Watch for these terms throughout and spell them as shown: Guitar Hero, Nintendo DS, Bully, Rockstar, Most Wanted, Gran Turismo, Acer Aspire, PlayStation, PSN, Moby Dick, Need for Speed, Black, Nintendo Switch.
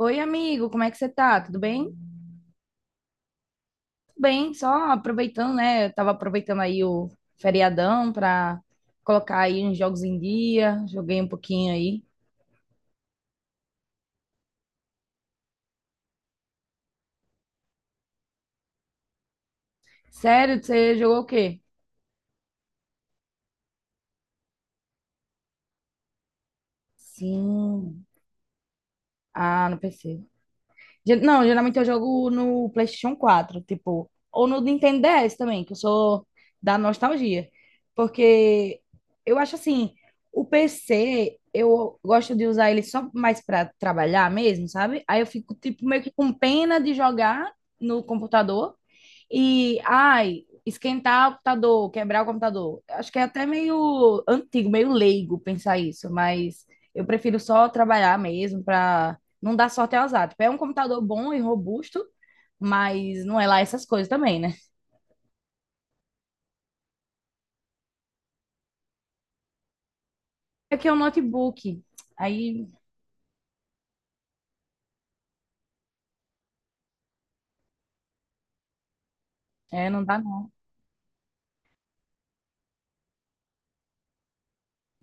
Oi, amigo, como é que você tá? Tudo bem? Tudo bem, só aproveitando, né? Eu tava aproveitando aí o feriadão pra colocar aí uns jogos em dia, joguei um pouquinho aí. Sério, você jogou o quê? Sim. Ah, no PC. Não, geralmente eu jogo no PlayStation 4, tipo, ou no Nintendo DS também, que eu sou da nostalgia. Porque eu acho assim, o PC, eu gosto de usar ele só mais para trabalhar mesmo, sabe? Aí eu fico, tipo, meio que com pena de jogar no computador. E, ai, esquentar o computador, quebrar o computador. Acho que é até meio antigo, meio leigo pensar isso, mas eu prefiro só trabalhar mesmo para não dar sorte ao azar. Tipo, é um computador bom e robusto, mas não é lá essas coisas também, né? Aqui é um notebook, aí é, não dá não.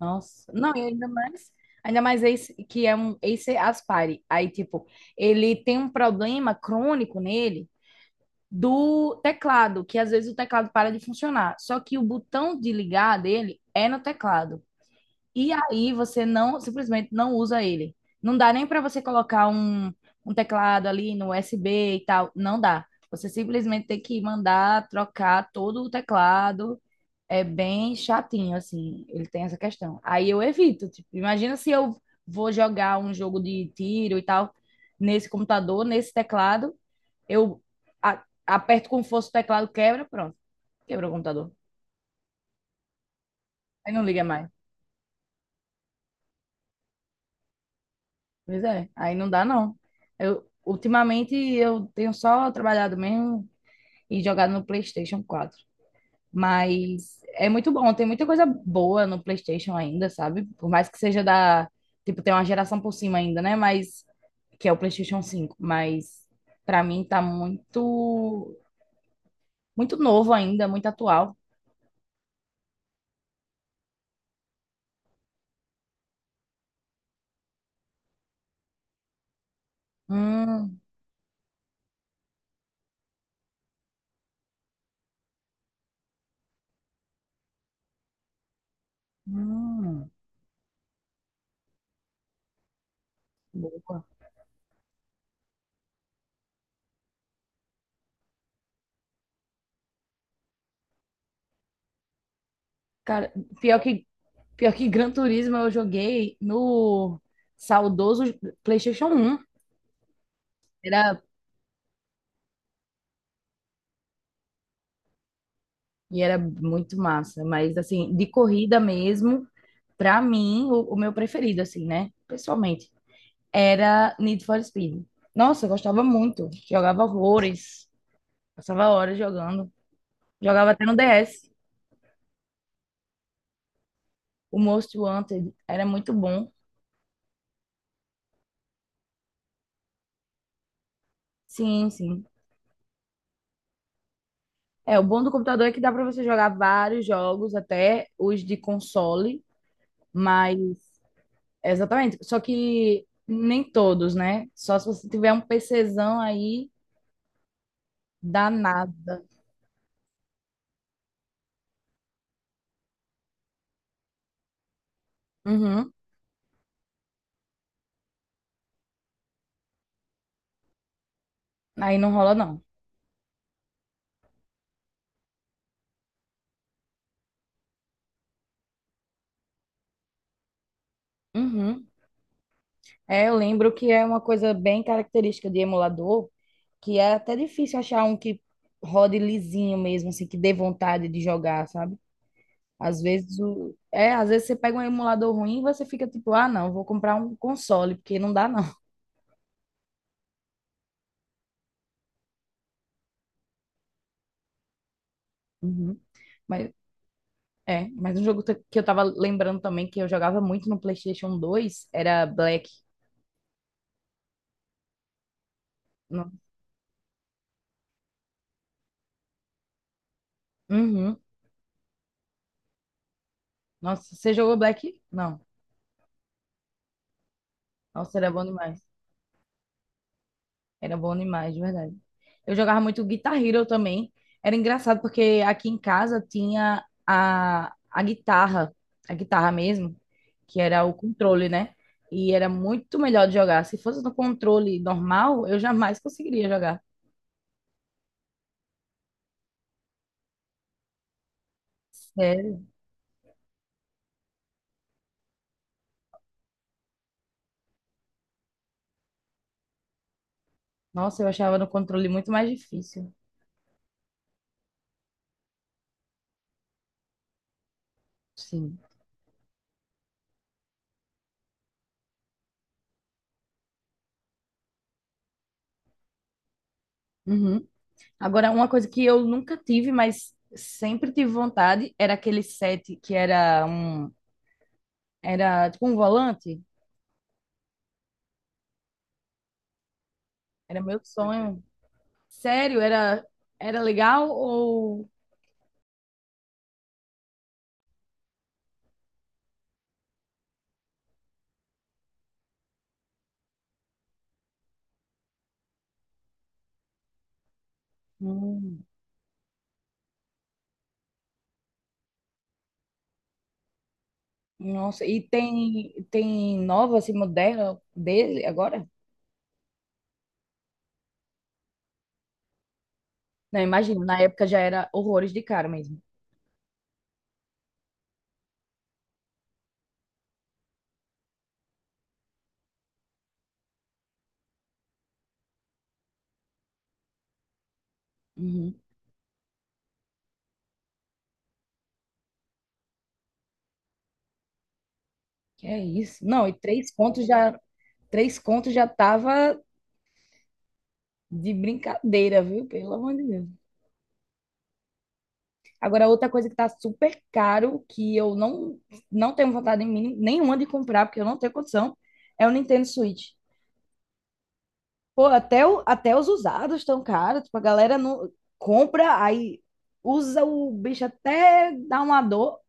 Nossa, não, e ainda mais esse que é um Acer Aspire. Aí, tipo, ele tem um problema crônico nele do teclado, que às vezes o teclado para de funcionar. Só que o botão de ligar dele é no teclado. E aí você não, simplesmente não usa ele. Não dá nem para você colocar um teclado ali no USB e tal. Não dá. Você simplesmente tem que mandar trocar todo o teclado. É bem chatinho, assim. Ele tem essa questão. Aí eu evito. Tipo, imagina se eu vou jogar um jogo de tiro e tal nesse computador, nesse teclado eu aperto com força o teclado, quebra, pronto, quebra o computador. Aí não liga mais. Pois é, aí não dá não. Ultimamente eu tenho só trabalhado mesmo e jogado no PlayStation 4. Mas é muito bom, tem muita coisa boa no PlayStation ainda, sabe? Por mais que seja da, tipo, tem uma geração por cima ainda, né? Mas que é o PlayStation 5, mas pra mim tá muito muito novo ainda, muito atual. Hum, hum, boa. Cara, pior que, pior que Gran Turismo eu joguei no saudoso PlayStation 1. Era, e era muito massa, mas assim, de corrida mesmo, pra mim, o meu preferido, assim, né? Pessoalmente, era Need for Speed. Nossa, eu gostava muito. Jogava horrores. Passava horas jogando. Jogava até no DS. O Most Wanted era muito bom. Sim, sim. É, o bom do computador é que dá pra você jogar vários jogos, até os de console, mas. Exatamente. Só que nem todos, né? Só se você tiver um PCzão aí danada. Uhum. Aí não rola, não. Uhum. É, eu lembro que é uma coisa bem característica de emulador, que é até difícil achar um que rode lisinho mesmo, assim, que dê vontade de jogar, sabe? Às vezes o... É, às vezes você pega um emulador ruim e você fica tipo, ah, não, vou comprar um console, porque não dá, não. Uhum. Mas mas um jogo que eu tava lembrando também que eu jogava muito no PlayStation 2 era Black. No- Uhum. Nossa, você jogou Black? Não. Nossa, era bom demais. Era bom demais, de verdade. Eu jogava muito Guitar Hero também. Era engraçado porque aqui em casa tinha a guitarra, a guitarra mesmo, que era o controle, né? E era muito melhor de jogar. Se fosse no controle normal, eu jamais conseguiria jogar. Sério. Nossa, eu achava no controle muito mais difícil. Sim. Uhum. Agora, uma coisa que eu nunca tive, mas sempre tive vontade, era aquele set que era tipo um volante. Era meu sonho. Sério, era legal ou. Hum, nossa, e tem nova assim moderna dele agora? Não, imagino, na época já era horrores de cara mesmo. Uhum. Que é isso? Não, e três contos já tava de brincadeira, viu? Pelo amor de Deus. Agora, outra coisa que tá super caro, que eu não, não tenho vontade em mim, nenhuma de comprar, porque eu não tenho condição, é o Nintendo Switch. Pô, até os usados estão caros. Tipo, a galera não compra, aí usa o bicho até dar uma dor,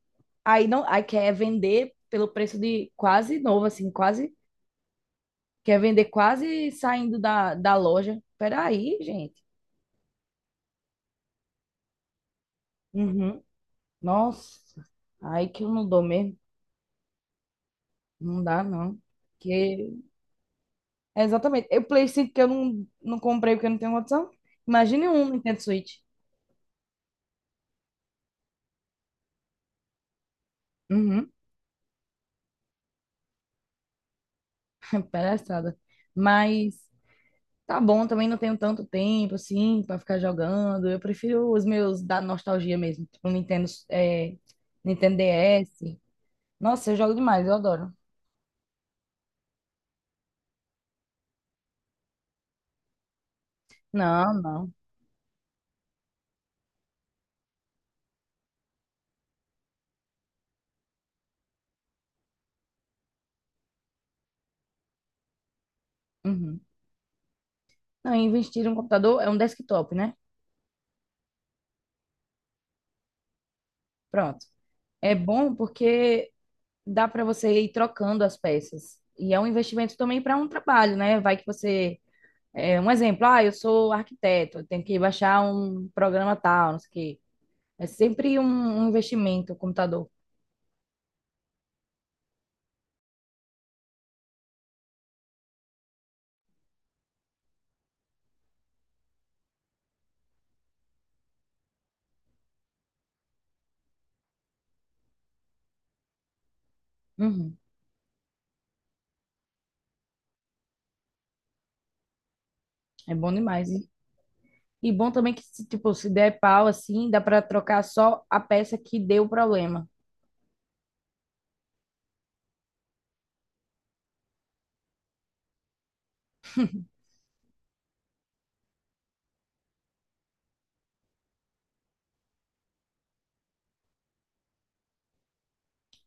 aí não, aí quer vender pelo preço de quase novo, assim, quase. Quer vender quase saindo da loja. Peraí, gente. Uhum. Nossa, aí que eu não dou mesmo. Não dá, não. Porque. É, exatamente. Eu Play 5 que eu não, não comprei porque eu não tenho condição. Imagine um Nintendo Switch. Uhum. É palhaçada. Mas tá bom, também não tenho tanto tempo assim pra ficar jogando. Eu prefiro os meus da nostalgia mesmo, tipo Nintendo, é, Nintendo DS. Nossa, eu jogo demais, eu adoro. Não, não. Uhum. Não, investir em um computador é um desktop, né? Pronto. É bom porque dá para você ir trocando as peças. E é um investimento também para um trabalho, né? Vai que você. É, um exemplo, ah, eu sou arquiteto, eu tenho que baixar um programa tal, não sei o quê. É sempre um investimento, o computador. Uhum, é bom demais. E bom também que, se, tipo, se der pau, assim, dá para trocar só a peça que deu o problema.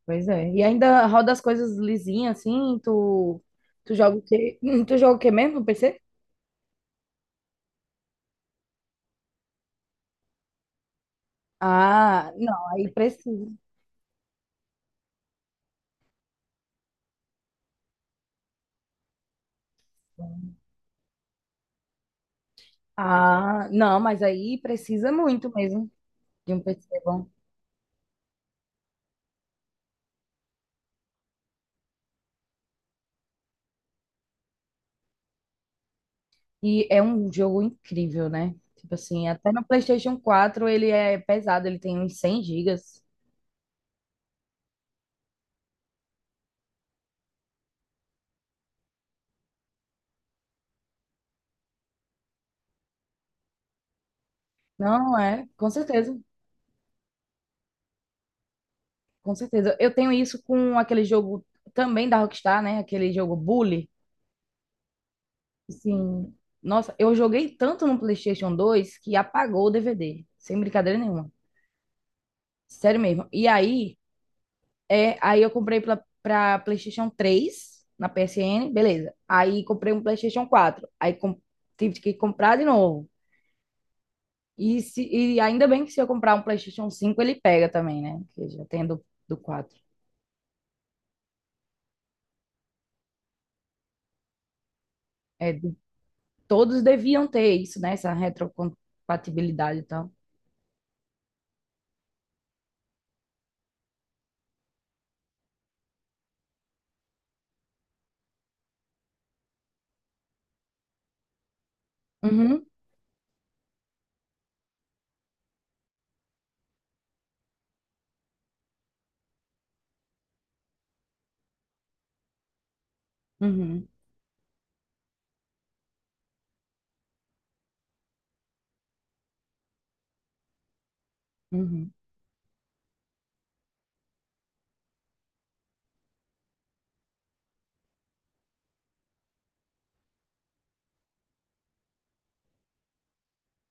Pois é. E ainda roda as coisas lisinhas, assim, tu joga o quê? Tu joga o quê mesmo no PC? Ah, não, aí precisa. Ah, não, mas aí precisa muito mesmo de um PC bom. E é um jogo incrível, né? Tipo assim, até no PlayStation 4 ele é pesado, ele tem uns 100 gigas. Não, é, com certeza, com certeza. Eu tenho isso com aquele jogo também da Rockstar, né? Aquele jogo Bully. Assim, nossa, eu joguei tanto no PlayStation 2 que apagou o DVD, sem brincadeira nenhuma. Sério mesmo. E aí, é, aí eu comprei pra, pra PlayStation 3 na PSN, beleza. Aí comprei um PlayStation 4. Aí tive que comprar de novo. E ainda bem que se eu comprar um PlayStation 5 ele pega também, né? Que já tem do quatro. É, todos deviam ter isso, né? Essa retrocompatibilidade e tal. Uhum, uhum, uhum,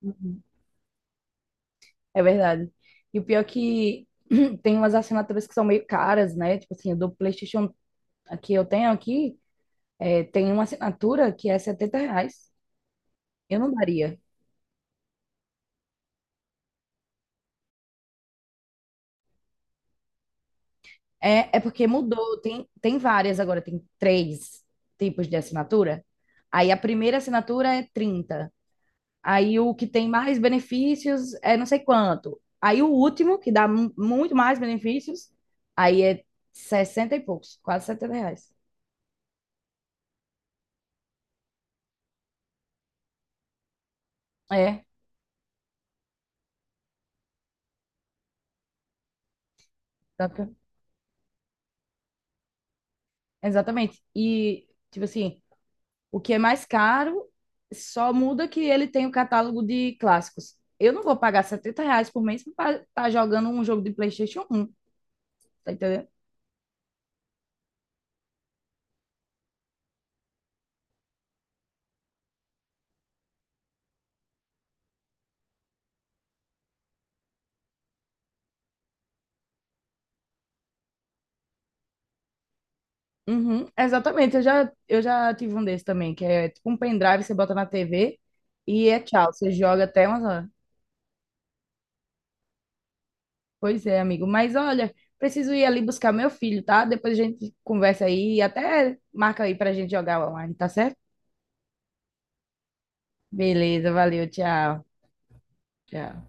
uhum. É verdade. E o pior é que tem umas assinaturas que são meio caras, né? Tipo assim, do PlayStation que eu tenho aqui, é, tem uma assinatura que é 70 reais. Eu não daria. É porque mudou, tem várias agora, tem três tipos de assinatura. Aí a primeira assinatura é 30. Aí o que tem mais benefícios é não sei quanto. Aí o último, que dá muito mais benefícios, aí é 60 e poucos, quase 70 reais. É, exata- exatamente. E, tipo assim, o que é mais caro só muda que ele tem o catálogo de clássicos. Eu não vou pagar 70 reais por mês para estar jogando um jogo de PlayStation 1, tá entendendo? Uhum, exatamente, eu já tive um desse também, que é tipo um pendrive, você bota na TV e é tchau, você joga até umas horas. Pois é, amigo, mas olha, preciso ir ali buscar meu filho, tá? Depois a gente conversa aí e até marca aí pra gente jogar online, tá certo? Beleza, valeu, tchau, tchau.